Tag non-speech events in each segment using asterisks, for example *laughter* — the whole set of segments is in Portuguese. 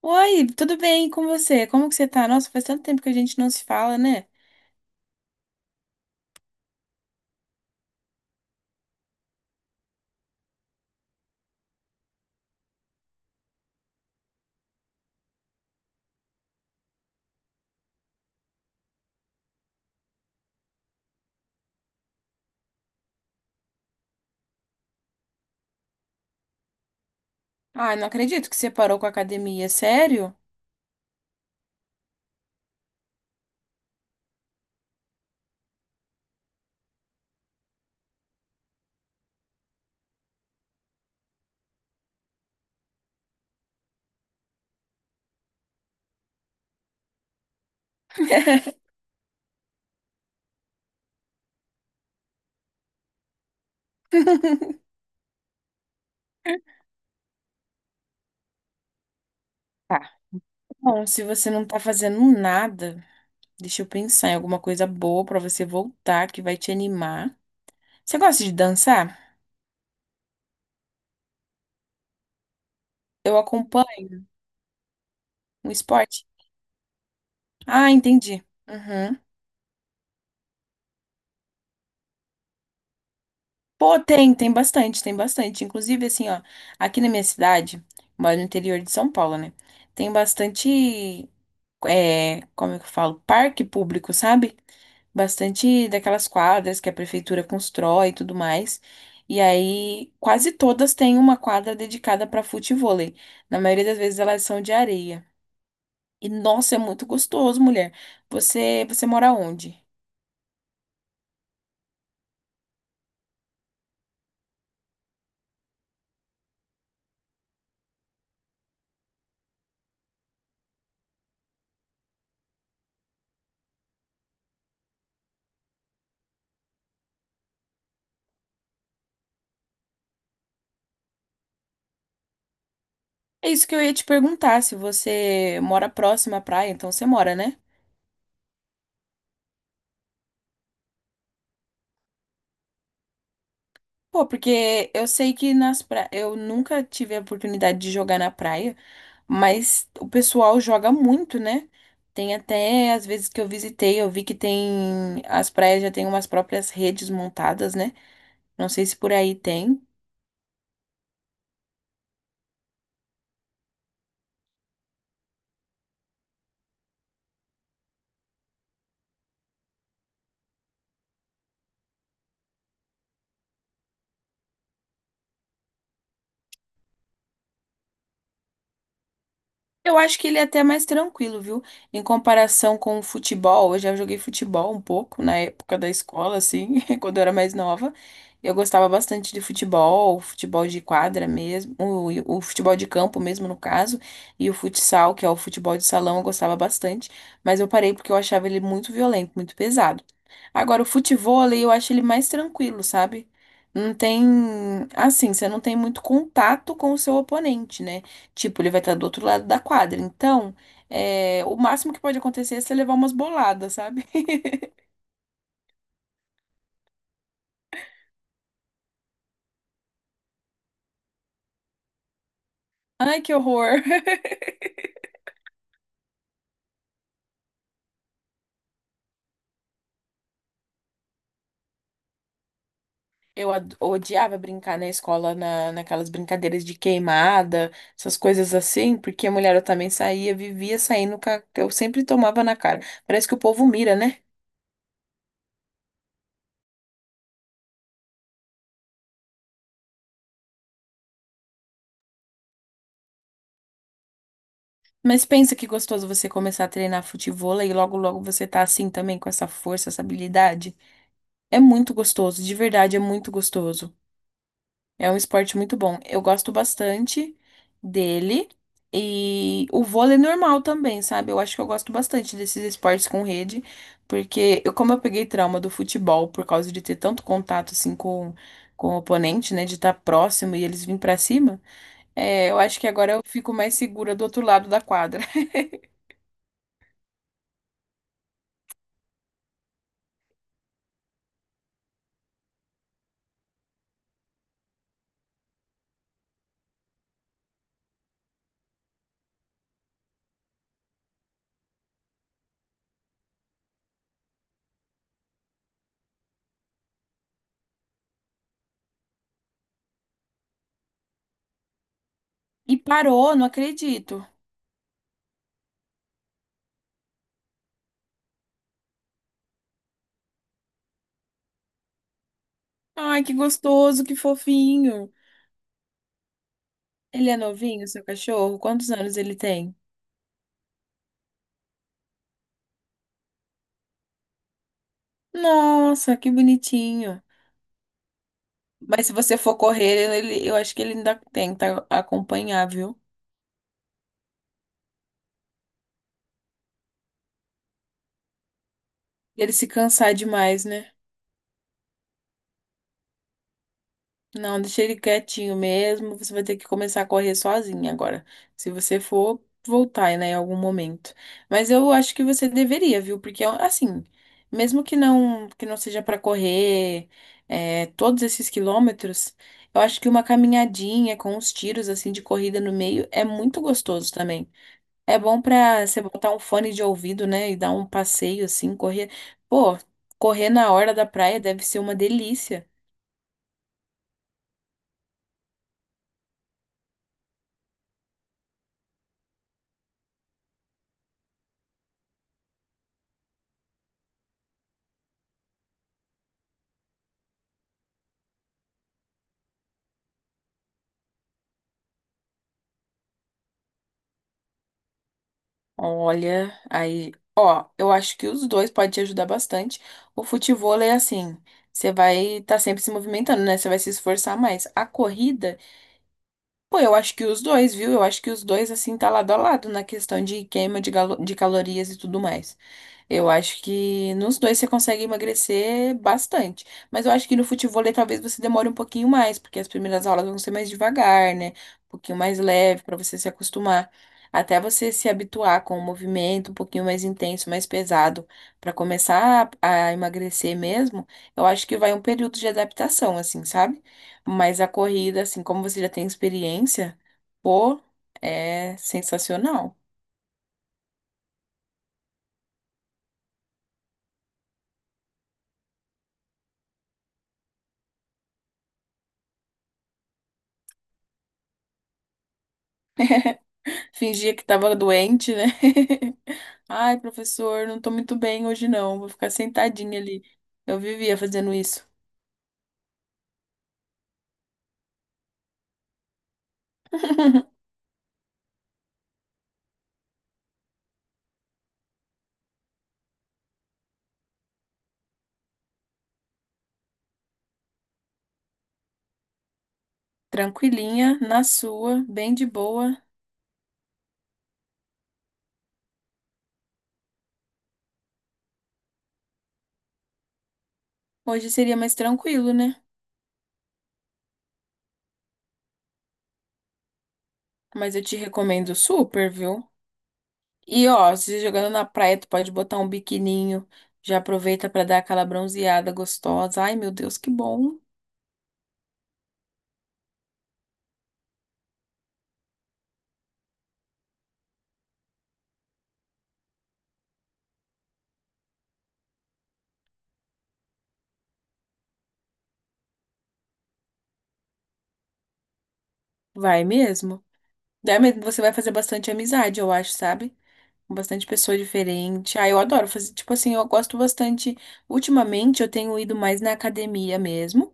Oi, tudo bem com você? Como que você tá? Nossa, faz tanto tempo que a gente não se fala, né? Ah, não acredito que você parou com a academia, sério? Tá. Bom, se você não tá fazendo nada, deixa eu pensar em alguma coisa boa pra você voltar que vai te animar. Você gosta de dançar? Eu acompanho um esporte. Ah, entendi. Uhum. Pô, tem, tem bastante, tem bastante. Inclusive, assim, ó, aqui na minha cidade, eu moro no interior de São Paulo, né? Tem bastante. É, como é que eu falo? Parque público, sabe? Bastante daquelas quadras que a prefeitura constrói e tudo mais. E aí, quase todas têm uma quadra dedicada para futevôlei. Na maioria das vezes elas são de areia. E nossa, é muito gostoso, mulher. Você mora onde? É isso que eu ia te perguntar, se você mora próximo à praia, então você mora, né? Pô, porque eu sei que nas pra... eu nunca tive a oportunidade de jogar na praia. Mas o pessoal joga muito, né? Tem até, às vezes que eu visitei, eu vi que tem, as praias já têm umas próprias redes montadas, né? Não sei se por aí tem. Eu acho que ele é até mais tranquilo, viu? Em comparação com o futebol, eu já joguei futebol um pouco na época da escola, assim, *laughs* quando eu era mais nova. Eu gostava bastante de futebol, futebol de quadra mesmo, o futebol de campo mesmo, no caso, e o futsal, que é o futebol de salão, eu gostava bastante, mas eu parei porque eu achava ele muito violento, muito pesado. Agora, o futevôlei, eu acho ele mais tranquilo, sabe? Não tem, assim, você não tem muito contato com o seu oponente, né? Tipo, ele vai estar do outro lado da quadra. Então, é, o máximo que pode acontecer é você levar umas boladas, sabe? *laughs* Ai, que horror! Odiava brincar na escola, naquelas brincadeiras de queimada, essas coisas assim, porque a mulher eu também saía, vivia saindo, eu sempre tomava na cara. Parece que o povo mira, né? Mas pensa que gostoso você começar a treinar futevôlei e logo logo você tá assim também, com essa força, essa habilidade. É muito gostoso, de verdade, é muito gostoso. É um esporte muito bom. Eu gosto bastante dele. E o vôlei é normal também, sabe? Eu acho que eu gosto bastante desses esportes com rede, porque eu, como eu peguei trauma do futebol por causa de ter tanto contato assim com o oponente, né? De estar próximo e eles virem pra cima, é, eu acho que agora eu fico mais segura do outro lado da quadra. *laughs* E parou, não acredito. Ai, que gostoso, que fofinho. Ele é novinho, seu cachorro? Quantos anos ele tem? Nossa, que bonitinho. Mas se você for correr, ele, eu acho que ele ainda tenta acompanhar, viu? Ele se cansar demais, né? Não, deixa ele quietinho mesmo. Você vai ter que começar a correr sozinha agora. Se você for voltar, né, em algum momento. Mas eu acho que você deveria, viu? Porque assim, mesmo que não seja para correr é, todos esses quilômetros, eu acho que uma caminhadinha com uns tiros assim de corrida no meio é muito gostoso também. É bom pra você botar um fone de ouvido, né? E dar um passeio assim, correr. Pô, correr na hora da praia deve ser uma delícia. Olha, aí, ó, eu acho que os dois podem te ajudar bastante. O futevôlei é assim, você vai estar sempre se movimentando, né? Você vai se esforçar mais. A corrida, pô, eu acho que os dois, viu? Eu acho que os dois, assim, tá lado a lado na questão de queima de galo- de calorias e tudo mais. Eu acho que nos dois você consegue emagrecer bastante. Mas eu acho que no futevôlei talvez você demore um pouquinho mais, porque as primeiras aulas vão ser mais devagar, né? Um pouquinho mais leve para você se acostumar. Até você se habituar com o movimento um pouquinho mais intenso, mais pesado, para começar a emagrecer mesmo, eu acho que vai um período de adaptação, assim, sabe? Mas a corrida, assim, como você já tem experiência, pô, é sensacional. Fingia que tava doente, né? *laughs* Ai, professor, não tô muito bem hoje não, vou ficar sentadinha ali. Eu vivia fazendo isso. Tranquilinha, na sua, bem de boa. Hoje seria mais tranquilo, né? Mas eu te recomendo super, viu? E ó, se jogando na praia, tu pode botar um biquininho. Já aproveita pra dar aquela bronzeada gostosa. Ai, meu Deus, que bom. Vai mesmo. Daí mesmo você vai fazer bastante amizade, eu acho, sabe? Com bastante pessoa diferente. Ah, eu adoro fazer, tipo assim, eu gosto bastante. Ultimamente eu tenho ido mais na academia mesmo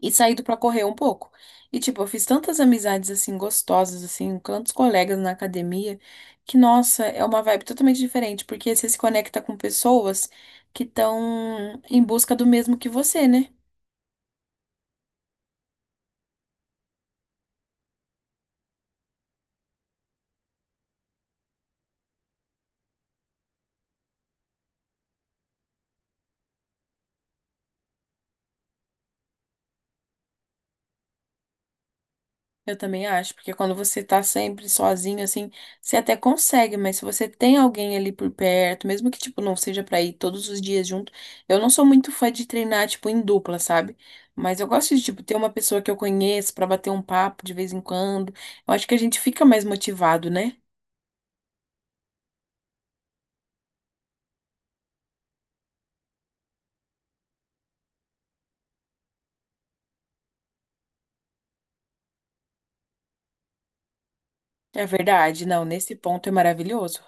e saído pra correr um pouco. E tipo, eu fiz tantas amizades assim gostosas assim, com tantos colegas na academia, que nossa, é uma vibe totalmente diferente, porque você se conecta com pessoas que estão em busca do mesmo que você, né? Eu também acho, porque quando você tá sempre sozinho, assim, você até consegue, mas se você tem alguém ali por perto, mesmo que, tipo, não seja pra ir todos os dias junto, eu não sou muito fã de treinar, tipo, em dupla, sabe? Mas eu gosto de, tipo, ter uma pessoa que eu conheço pra bater um papo de vez em quando. Eu acho que a gente fica mais motivado, né? É verdade, não, nesse ponto é maravilhoso.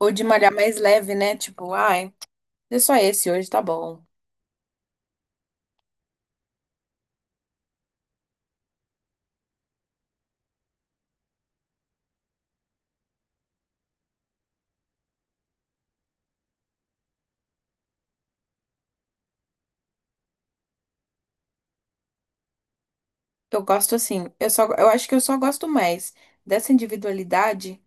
Ou de malhar mais leve, né? Tipo, ai, é só esse hoje, tá bom. Eu gosto assim, eu só, eu acho que eu só gosto mais dessa individualidade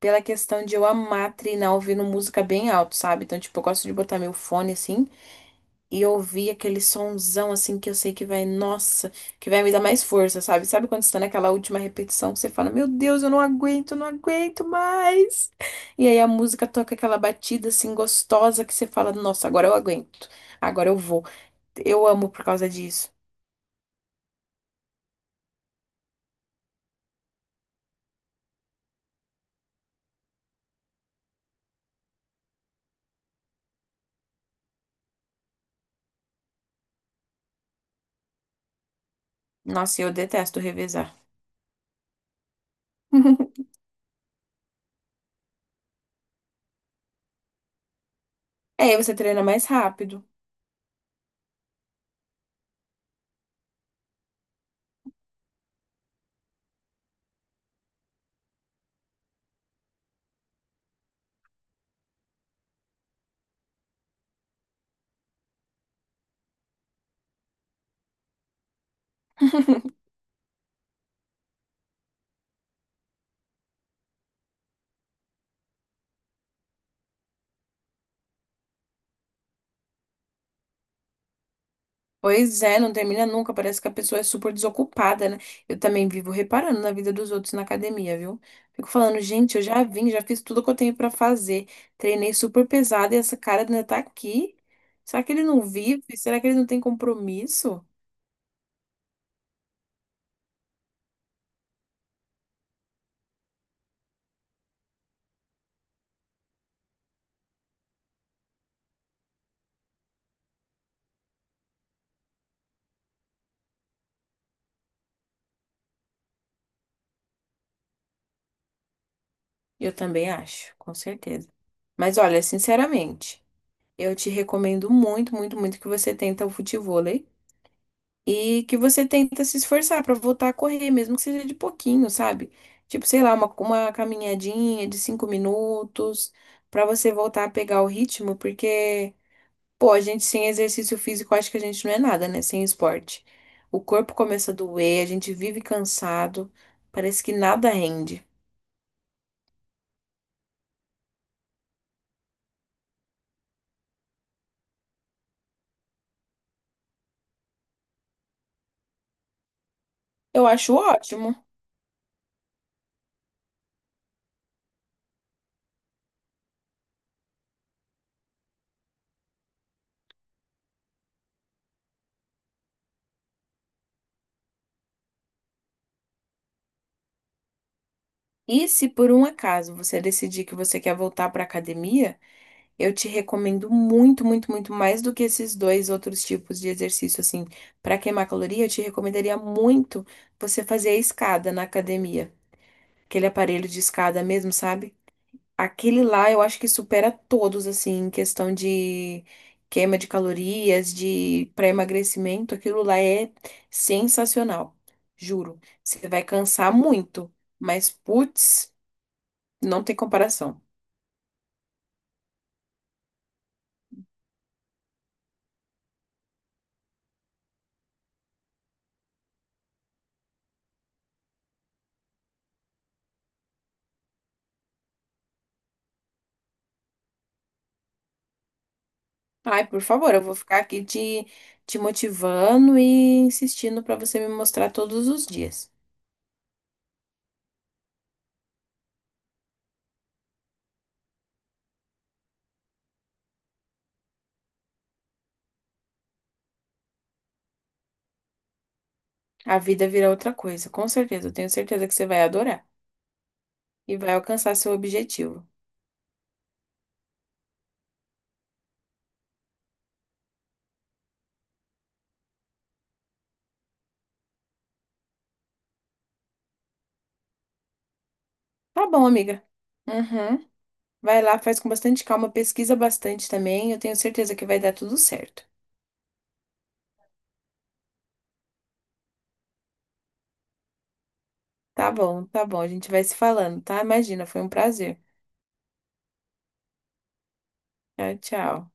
pela questão de eu amar treinar ouvindo música bem alto, sabe? Então, tipo, eu gosto de botar meu fone assim e ouvir aquele sonzão assim que eu sei que vai, nossa, que vai me dar mais força, sabe? Sabe quando você tá naquela última repetição que você fala, meu Deus, eu não aguento mais? E aí a música toca aquela batida assim gostosa que você fala, nossa, agora eu aguento, agora eu vou. Eu amo por causa disso. Nossa, e eu detesto revezar. *laughs* É, aí você treina mais rápido. Pois é, não termina nunca. Parece que a pessoa é super desocupada, né? Eu também vivo reparando na vida dos outros na academia, viu? Fico falando, gente, eu já vim, já fiz tudo que eu tenho pra fazer. Treinei super pesado e essa cara ainda tá aqui. Será que ele não vive? Será que ele não tem compromisso? Eu também acho, com certeza. Mas olha, sinceramente, eu te recomendo muito, muito, muito que você tenta o futevôlei. E que você tenta se esforçar pra voltar a correr, mesmo que seja de pouquinho, sabe? Tipo, sei lá, uma caminhadinha de 5 minutos, pra você voltar a pegar o ritmo, porque, pô, a gente sem exercício físico, acho que a gente não é nada, né? Sem esporte. O corpo começa a doer, a gente vive cansado, parece que nada rende. Eu acho ótimo. E se por um acaso você decidir que você quer voltar pra academia, eu te recomendo muito, muito, muito mais do que esses dois outros tipos de exercício, assim. Para queimar caloria, eu te recomendaria muito você fazer a escada na academia. Aquele aparelho de escada mesmo, sabe? Aquele lá eu acho que supera todos, assim, em questão de queima de calorias, de para emagrecimento. Aquilo lá é sensacional, juro. Você vai cansar muito, mas putz, não tem comparação. Ai, por favor, eu vou ficar aqui te motivando e insistindo para você me mostrar todos os dias. A vida vira outra coisa, com certeza. Eu tenho certeza que você vai adorar e vai alcançar seu objetivo. Tá bom, amiga. Uhum. Vai lá, faz com bastante calma, pesquisa bastante também. Eu tenho certeza que vai dar tudo certo. Tá bom, tá bom. A gente vai se falando, tá? Imagina, foi um prazer. Tchau, tchau.